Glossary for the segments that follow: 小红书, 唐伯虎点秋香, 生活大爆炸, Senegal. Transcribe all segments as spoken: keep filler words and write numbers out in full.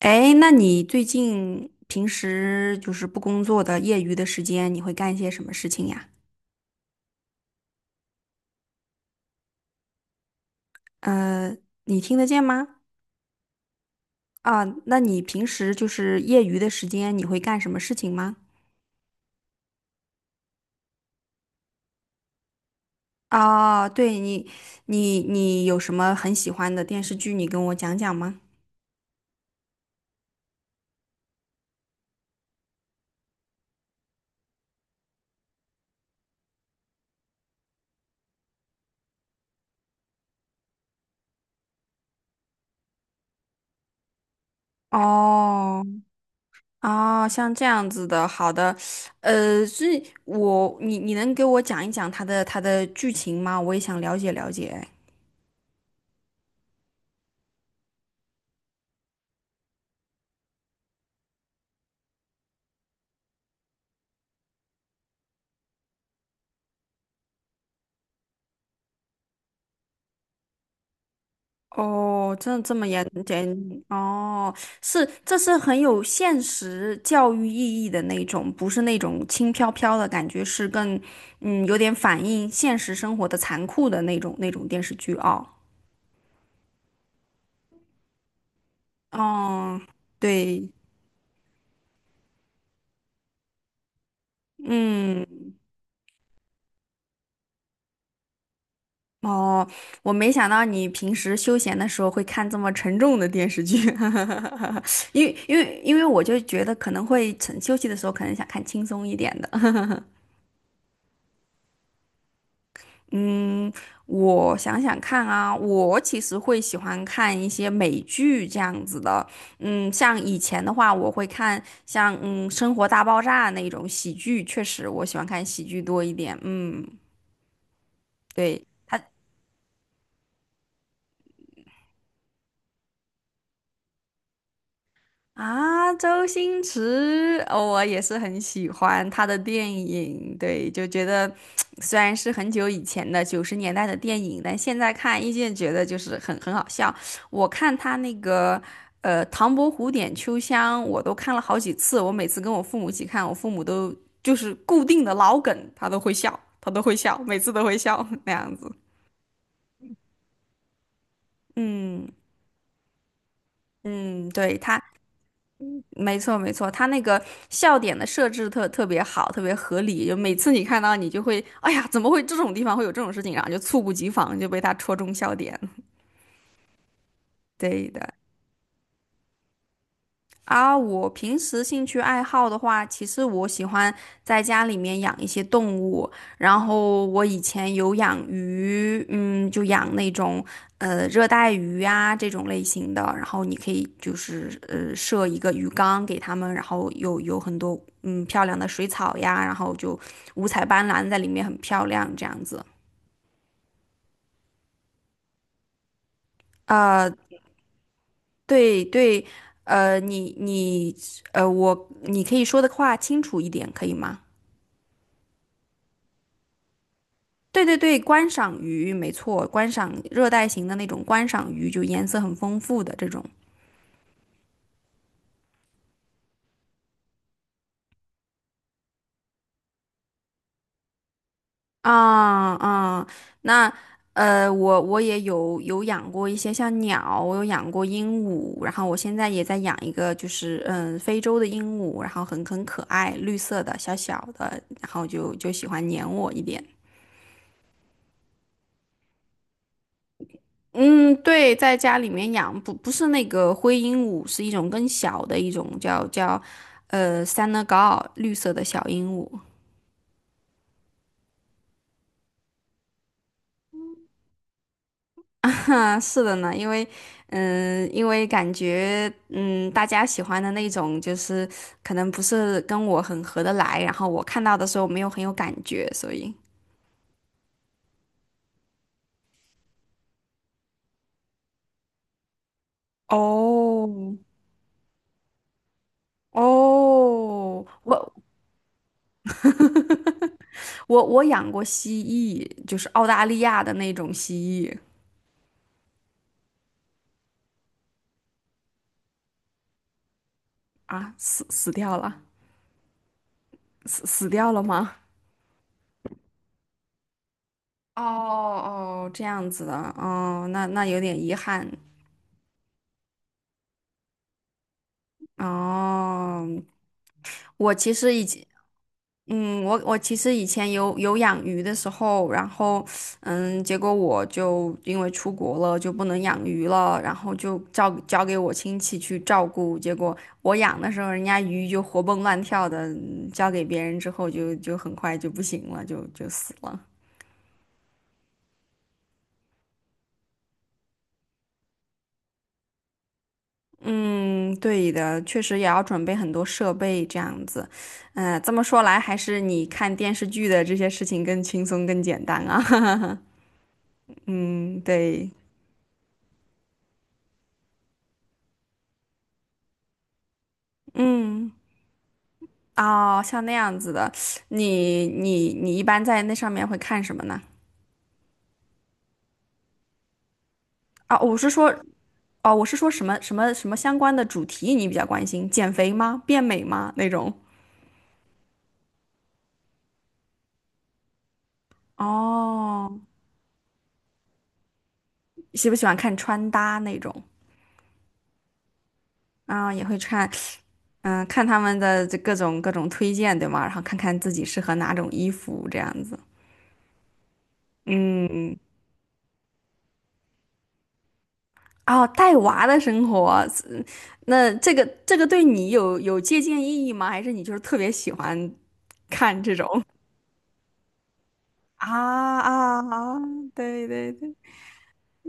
哎，那你最近平时就是不工作的业余的时间，你会干一些什么事情呀？呃，你听得见吗？啊，那你平时就是业余的时间，你会干什么事情吗？啊，对你，你你有什么很喜欢的电视剧，你跟我讲讲吗？哦，哦，像这样子的，好的，呃，所以我，你你能给我讲一讲它的它的剧情吗？我也想了解了解。哦，真的这么严谨？哦，是，这是很有现实教育意义的那种，不是那种轻飘飘的感觉，是更嗯有点反映现实生活的残酷的那种那种电视剧哦。哦，对，嗯，哦，我没想到你平时休闲的时候会看这么沉重的电视剧，因为因为因为我就觉得可能会趁休息的时候可能想看轻松一点的。嗯，我想想看啊，我其实会喜欢看一些美剧这样子的。嗯，像以前的话，我会看像嗯《生活大爆炸》那种喜剧，确实我喜欢看喜剧多一点。嗯，对。啊，周星驰，哦，我也是很喜欢他的电影，对，就觉得虽然是很久以前的九十年代的电影，但现在看依旧觉得就是很很好笑。我看他那个呃《唐伯虎点秋香》，我都看了好几次，我每次跟我父母一起看，我父母都就是固定的老梗，他都会笑，他都会笑，每次都会笑 那样子。嗯嗯，对，他。没错，没错，他那个笑点的设置特特别好，特别合理。就每次你看到，你就会，哎呀，怎么会这种地方会有这种事情，然后就猝不及防就被他戳中笑点。对的，啊，我平时兴趣爱好的话，其实我喜欢在家里面养一些动物，然后我以前有养鱼，嗯，就养那种呃热带鱼呀这种类型的，然后你可以就是呃设一个鱼缸给它们，然后有有很多嗯漂亮的水草呀，然后就五彩斑斓在里面很漂亮这样子。呃，对对，呃，你你呃我你可以说的话清楚一点，可以吗？对对对，观赏鱼没错，观赏热带型的那种观赏鱼，就颜色很丰富的这种。啊啊，那呃，我我也有有养过一些像鸟，我有养过鹦鹉，然后我现在也在养一个，就是嗯，非洲的鹦鹉，然后很很可爱，绿色的小小的，然后就就喜欢粘我一点。嗯，对，在家里面养不不是那个灰鹦鹉，是一种更小的一种叫叫呃 Senegal 绿色的小鹦鹉。嗯，是的呢，因为，嗯，因为感觉，嗯，大家喜欢的那种，就是可能不是跟我很合得来，然后我看到的时候没有很有感觉，所以，哦，哦，我我我养过蜥蜴，就是澳大利亚的那种蜥蜴啊，死死掉了，死死掉了吗？哦哦，这样子的，哦，那那有点遗憾。哦，我其实已经嗯，我我其实以前有有养鱼的时候，然后嗯，结果我就因为出国了就不能养鱼了，然后就交交给我亲戚去照顾。结果我养的时候，人家鱼就活蹦乱跳的，嗯交给别人之后就就很快就不行了，就就死了。嗯，对的，确实也要准备很多设备这样子。嗯，这么说来，还是你看电视剧的这些事情更轻松、更简单啊。嗯，对，嗯。哦，像那样子的，你你你一般在那上面会看什么呢？啊，我是说，哦，我是说什么什么什么相关的主题你比较关心？减肥吗？变美吗？那种？哦，喜不喜欢看穿搭那种？啊，也会看，嗯，看他们的这各种各种推荐，对吗？然后看看自己适合哪种衣服这样子。嗯，哦，带娃的生活，嗯那这个这个对你有有借鉴意义吗？还是你就是特别喜欢看这种？啊啊啊！对对对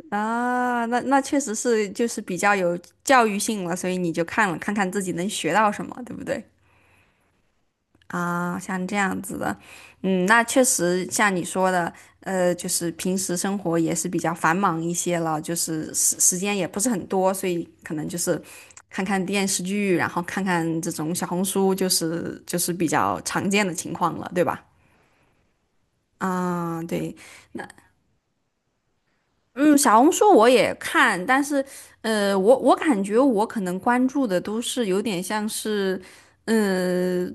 啊，那那确实是就是比较有教育性了，所以你就看了看看自己能学到什么，对不对？啊，像这样子的，嗯，那确实像你说的，呃，就是平时生活也是比较繁忙一些了，就是时时间也不是很多，所以可能就是看看电视剧，然后看看这种小红书，就是就是比较常见的情况了，对吧？啊，对，嗯，小红书我也看，但是，呃，我我感觉我可能关注的都是有点像是。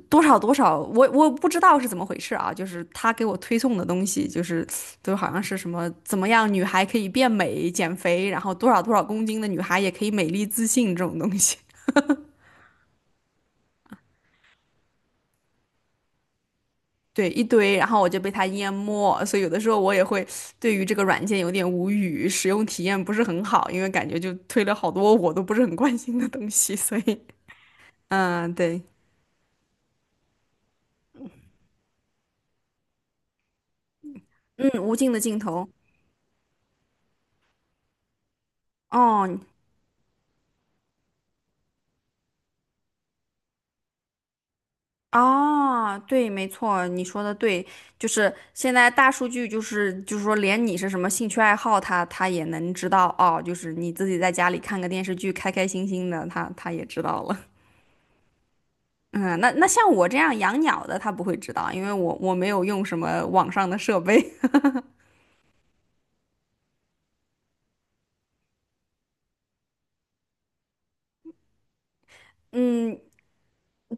多少多少，我我不知道是怎么回事啊，就是他给我推送的东西，就是都好像是什么怎么样女孩可以变美、减肥，然后多少多少公斤的女孩也可以美丽自信这种东西，对一堆，然后我就被他淹没，所以有的时候我也会对于这个软件有点无语，使用体验不是很好，因为感觉就推了好多我都不是很关心的东西，所以嗯，对，嗯，无尽的镜头。哦，哦，对，没错，你说的对，就是现在大数据，就是就是说，连你是什么兴趣爱好他，他也能知道哦。就是你自己在家里看个电视剧，开开心心的，他他也知道了。嗯，那那像我这样养鸟的，他不会知道，因为我我没有用什么网上的设备。嗯，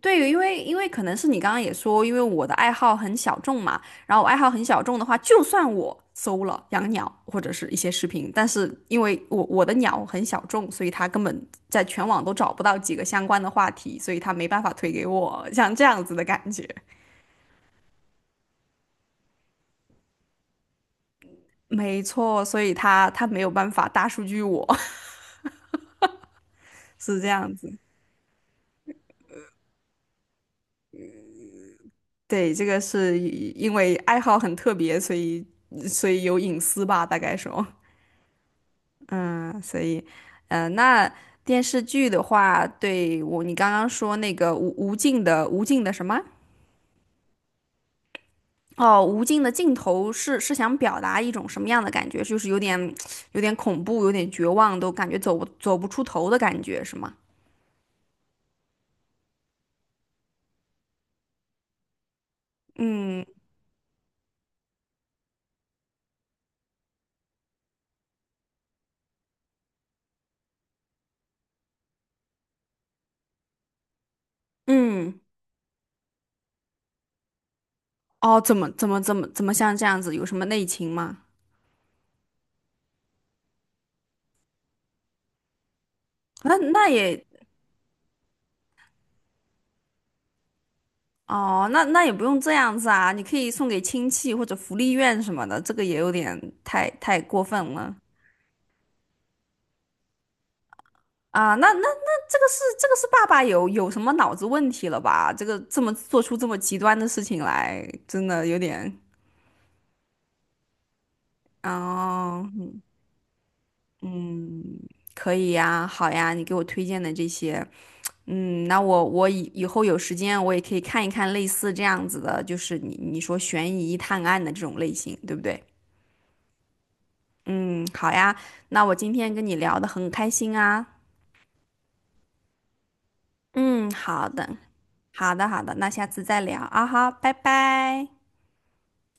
对，因为因为可能是你刚刚也说，因为我的爱好很小众嘛，然后我爱好很小众的话，就算我搜了养鸟或者是一些视频，但是因为我我的鸟很小众，所以它根本在全网都找不到几个相关的话题，所以它没办法推给我，像这样子的感觉。没错，所以它它没有办法大数据我，是这样子。对，这个是因为爱好很特别，所以所以有隐私吧，大概说。嗯，所以，呃，那电视剧的话，对我，你刚刚说那个无无尽的无尽的什么？哦，无尽的尽头是是想表达一种什么样的感觉？就是有点有点恐怖，有点绝望，都感觉走不走不出头的感觉，是吗？嗯嗯，哦，怎么怎么怎么怎么像这样子？有什么内情吗？那那也哦，那那也不用这样子啊，你可以送给亲戚或者福利院什么的，这个也有点太太过分了。啊，那那那这个是这个是爸爸有有什么脑子问题了吧？这个这么做出这么极端的事情来，真的有点，哦，嗯，嗯可以呀，好呀，你给我推荐的这些，嗯，那我我以以后有时间我也可以看一看类似这样子的，就是你你说悬疑探案的这种类型，对不对？嗯，好呀，那我今天跟你聊的很开心啊，嗯，好的，好的，好的，那下次再聊啊哈，拜拜。